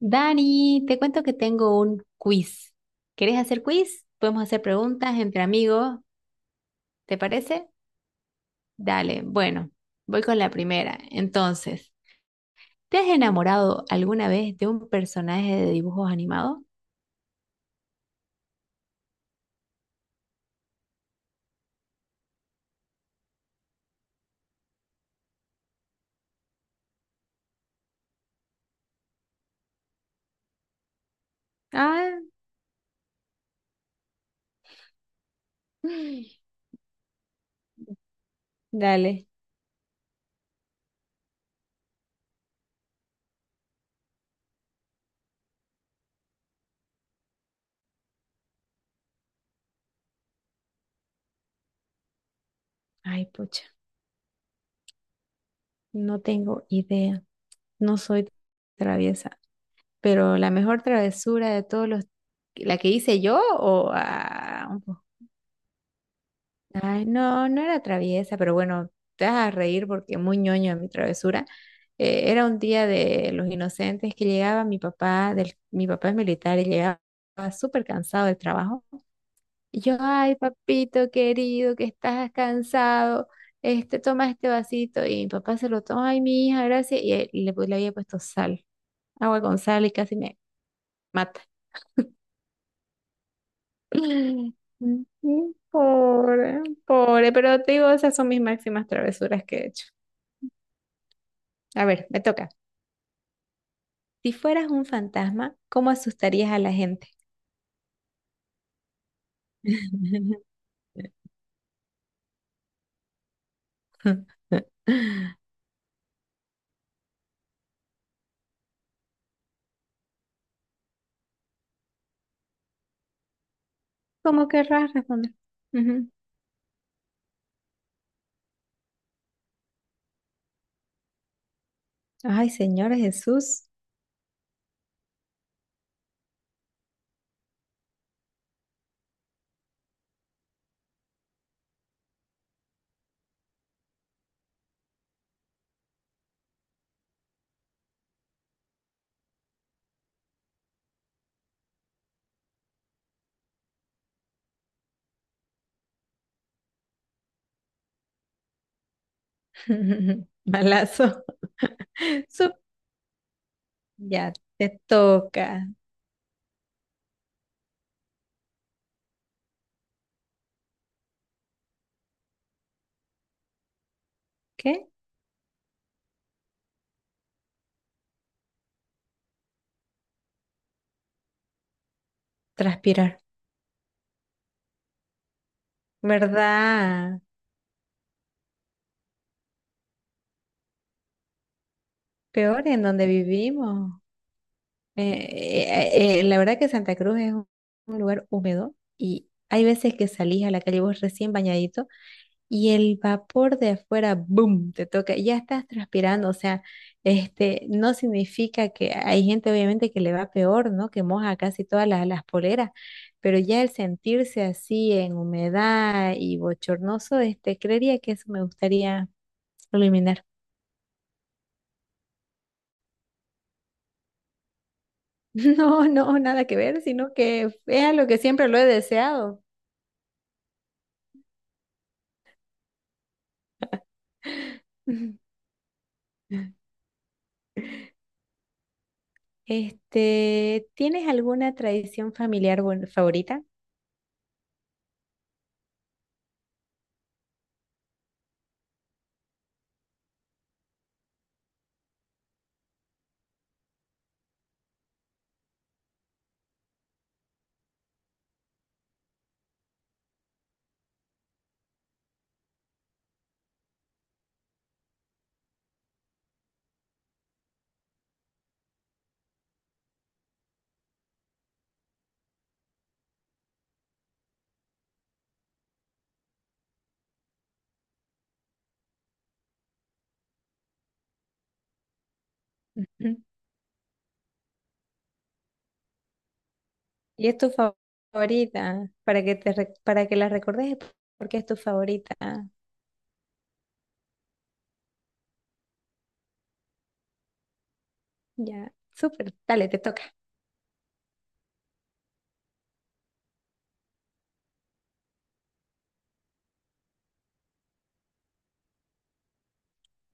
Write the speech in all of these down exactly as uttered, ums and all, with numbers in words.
Dani, te cuento que tengo un quiz. ¿Querés hacer quiz? Podemos hacer preguntas entre amigos, ¿te parece? Dale, bueno, voy con la primera. Entonces, ¿te has enamorado alguna vez de un personaje de dibujos animados? Ah, dale. Ay, pucha, no tengo idea. No soy traviesa, pero la mejor travesura de todos los... ¿La que hice yo o...? Ah, ay, no, no era traviesa, pero bueno, te vas a reír porque muy ñoño mi travesura. Eh, era un día de los inocentes que llegaba mi papá, del, mi papá es militar y llegaba súper cansado del trabajo. Y yo, ay, papito querido, que estás cansado, este, toma este vasito. Y mi papá se lo toma, ay, mi hija, gracias. Y él- le, pu- le había puesto sal, agua con sal y casi me mata. Pobre, pobre, pero te digo, esas son mis máximas travesuras que he hecho. A ver, me toca. Si fueras un fantasma, ¿cómo asustarías a la gente? ¿Cómo querrás responder? Ujú. Ay, Señor Jesús. Malazo. Sup. Ya te toca. ¿Qué? Transpirar. ¿Verdad? Peor en donde vivimos. Eh, eh, eh, la verdad que Santa Cruz es un, un lugar húmedo y hay veces que salís a la calle vos recién bañadito y el vapor de afuera, ¡boom!, te toca, ya estás transpirando, o sea, este, no significa que hay gente obviamente que le va peor, ¿no? Que moja casi todas las, las poleras, pero ya el sentirse así en humedad y bochornoso, este, creería que eso me gustaría eliminar. No, no, nada que ver, sino que es a lo que siempre lo he deseado. Este, ¿tienes alguna tradición familiar buen- favorita? Y es tu fa- favorita, para que te re- para que la recordes, porque es tu favorita. Ya, súper, dale, te toca.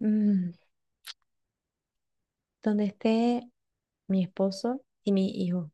Mm, donde esté mi esposo y mi hijo,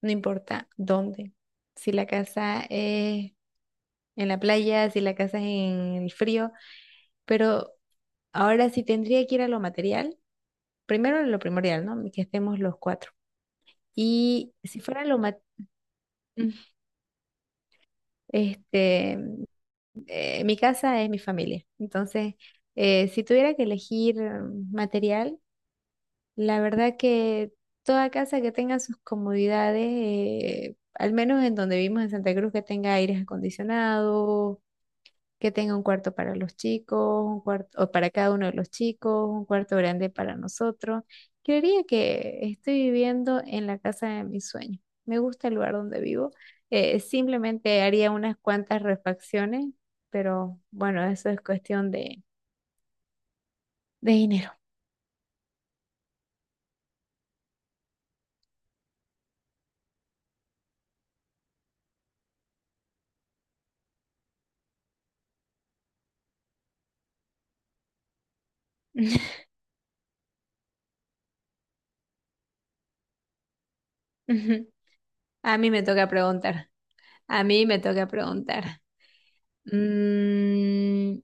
no importa dónde. Si la casa es en la playa, si la casa es en el frío, pero ahora sí tendría que ir a lo material. Primero lo primordial, ¿no? Que estemos los cuatro. Y si fuera lo material, este, eh, mi casa es mi familia. Entonces, eh, si tuviera que elegir mm, material, la verdad que toda casa que tenga sus comodidades, eh, al menos en donde vivimos en Santa Cruz, que tenga aires acondicionados, que tenga un cuarto para los chicos, un cuarto o para cada uno de los chicos, un cuarto grande para nosotros. Creería que estoy viviendo en la casa de mis sueños. Me gusta el lugar donde vivo. Eh, simplemente haría unas cuantas refacciones, pero bueno, eso es cuestión de, de, dinero. Ujú. A mí me toca preguntar. A mí me toca preguntar. Mm,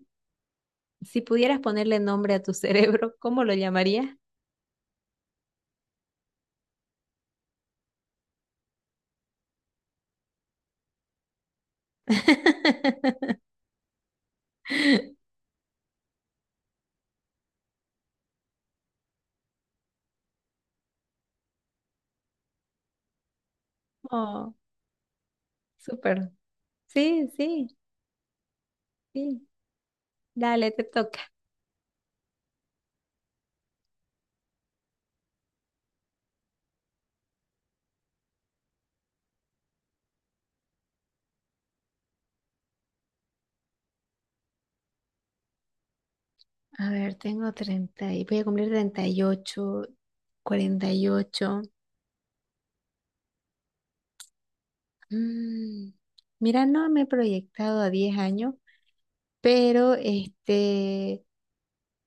si pudieras ponerle nombre a tu cerebro, ¿cómo lo llamarías? Oh, súper. Sí, sí, sí. Dale, te toca. A ver, tengo treinta y voy a cumplir treinta y ocho, cuarenta y ocho. Mm, Mira, no me he proyectado a diez años, pero este,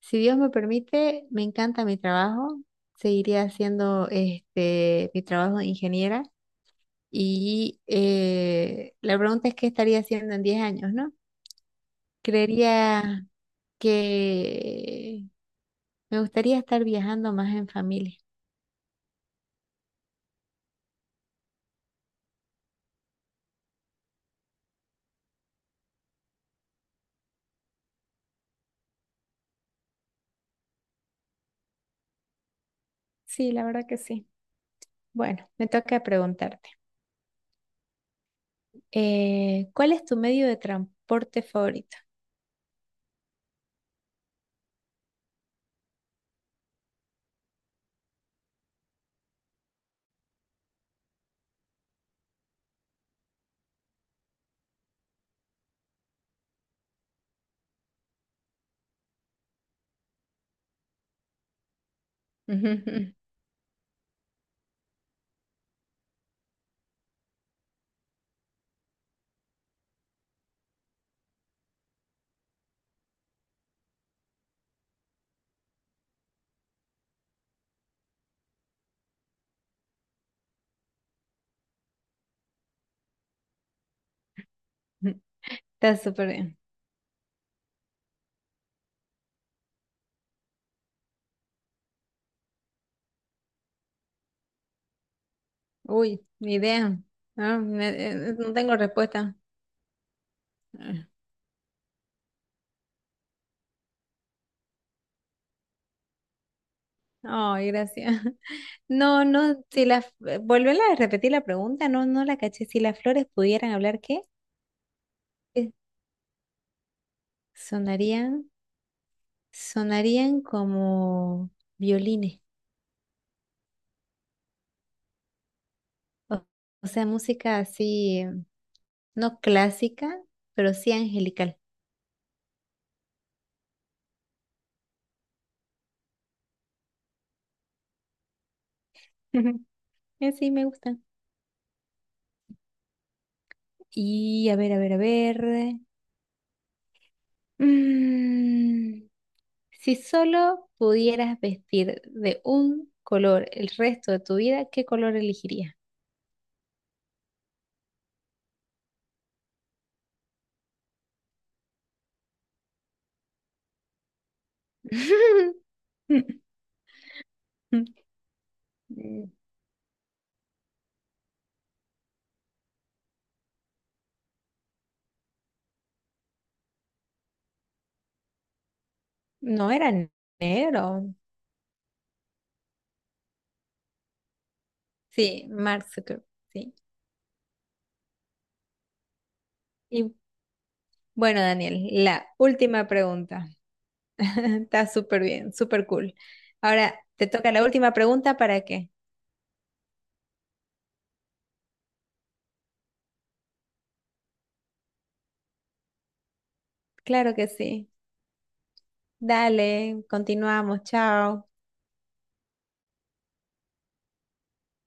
si Dios me permite, me encanta mi trabajo. Seguiré haciendo este, mi trabajo de ingeniera. Y eh, la pregunta es, ¿qué estaría haciendo en diez años, no? Creería que me gustaría estar viajando más en familia. Sí, la verdad que sí. Bueno, me toca preguntarte, eh, ¿cuál es tu medio de transporte favorito? Ujú, ujú. Está súper bien. Uy, ni idea. No, me- eh, no tengo respuesta. Ay, gracias. No, no, si las... Volverla a repetir la pregunta, no, no la caché. Si las flores pudieran hablar, ¿qué? Eh, Sonarían, sonarían como violines, o, o sea, música así. No clásica, pero sí angelical. Ujú. Eh, Sí, me gusta. Y a ver, a ver, a ver. Mm, si solo pudieras vestir de un color el resto de tu vida, ¿qué color elegirías? Mm, No era negro. Sí, Mark Zucker, Sí. Y bueno, Daniel, la última pregunta. Está súper bien, súper cool. ¿Ahora te toca la última pregunta para qué? Claro que sí. Dale, continuamos. Chao.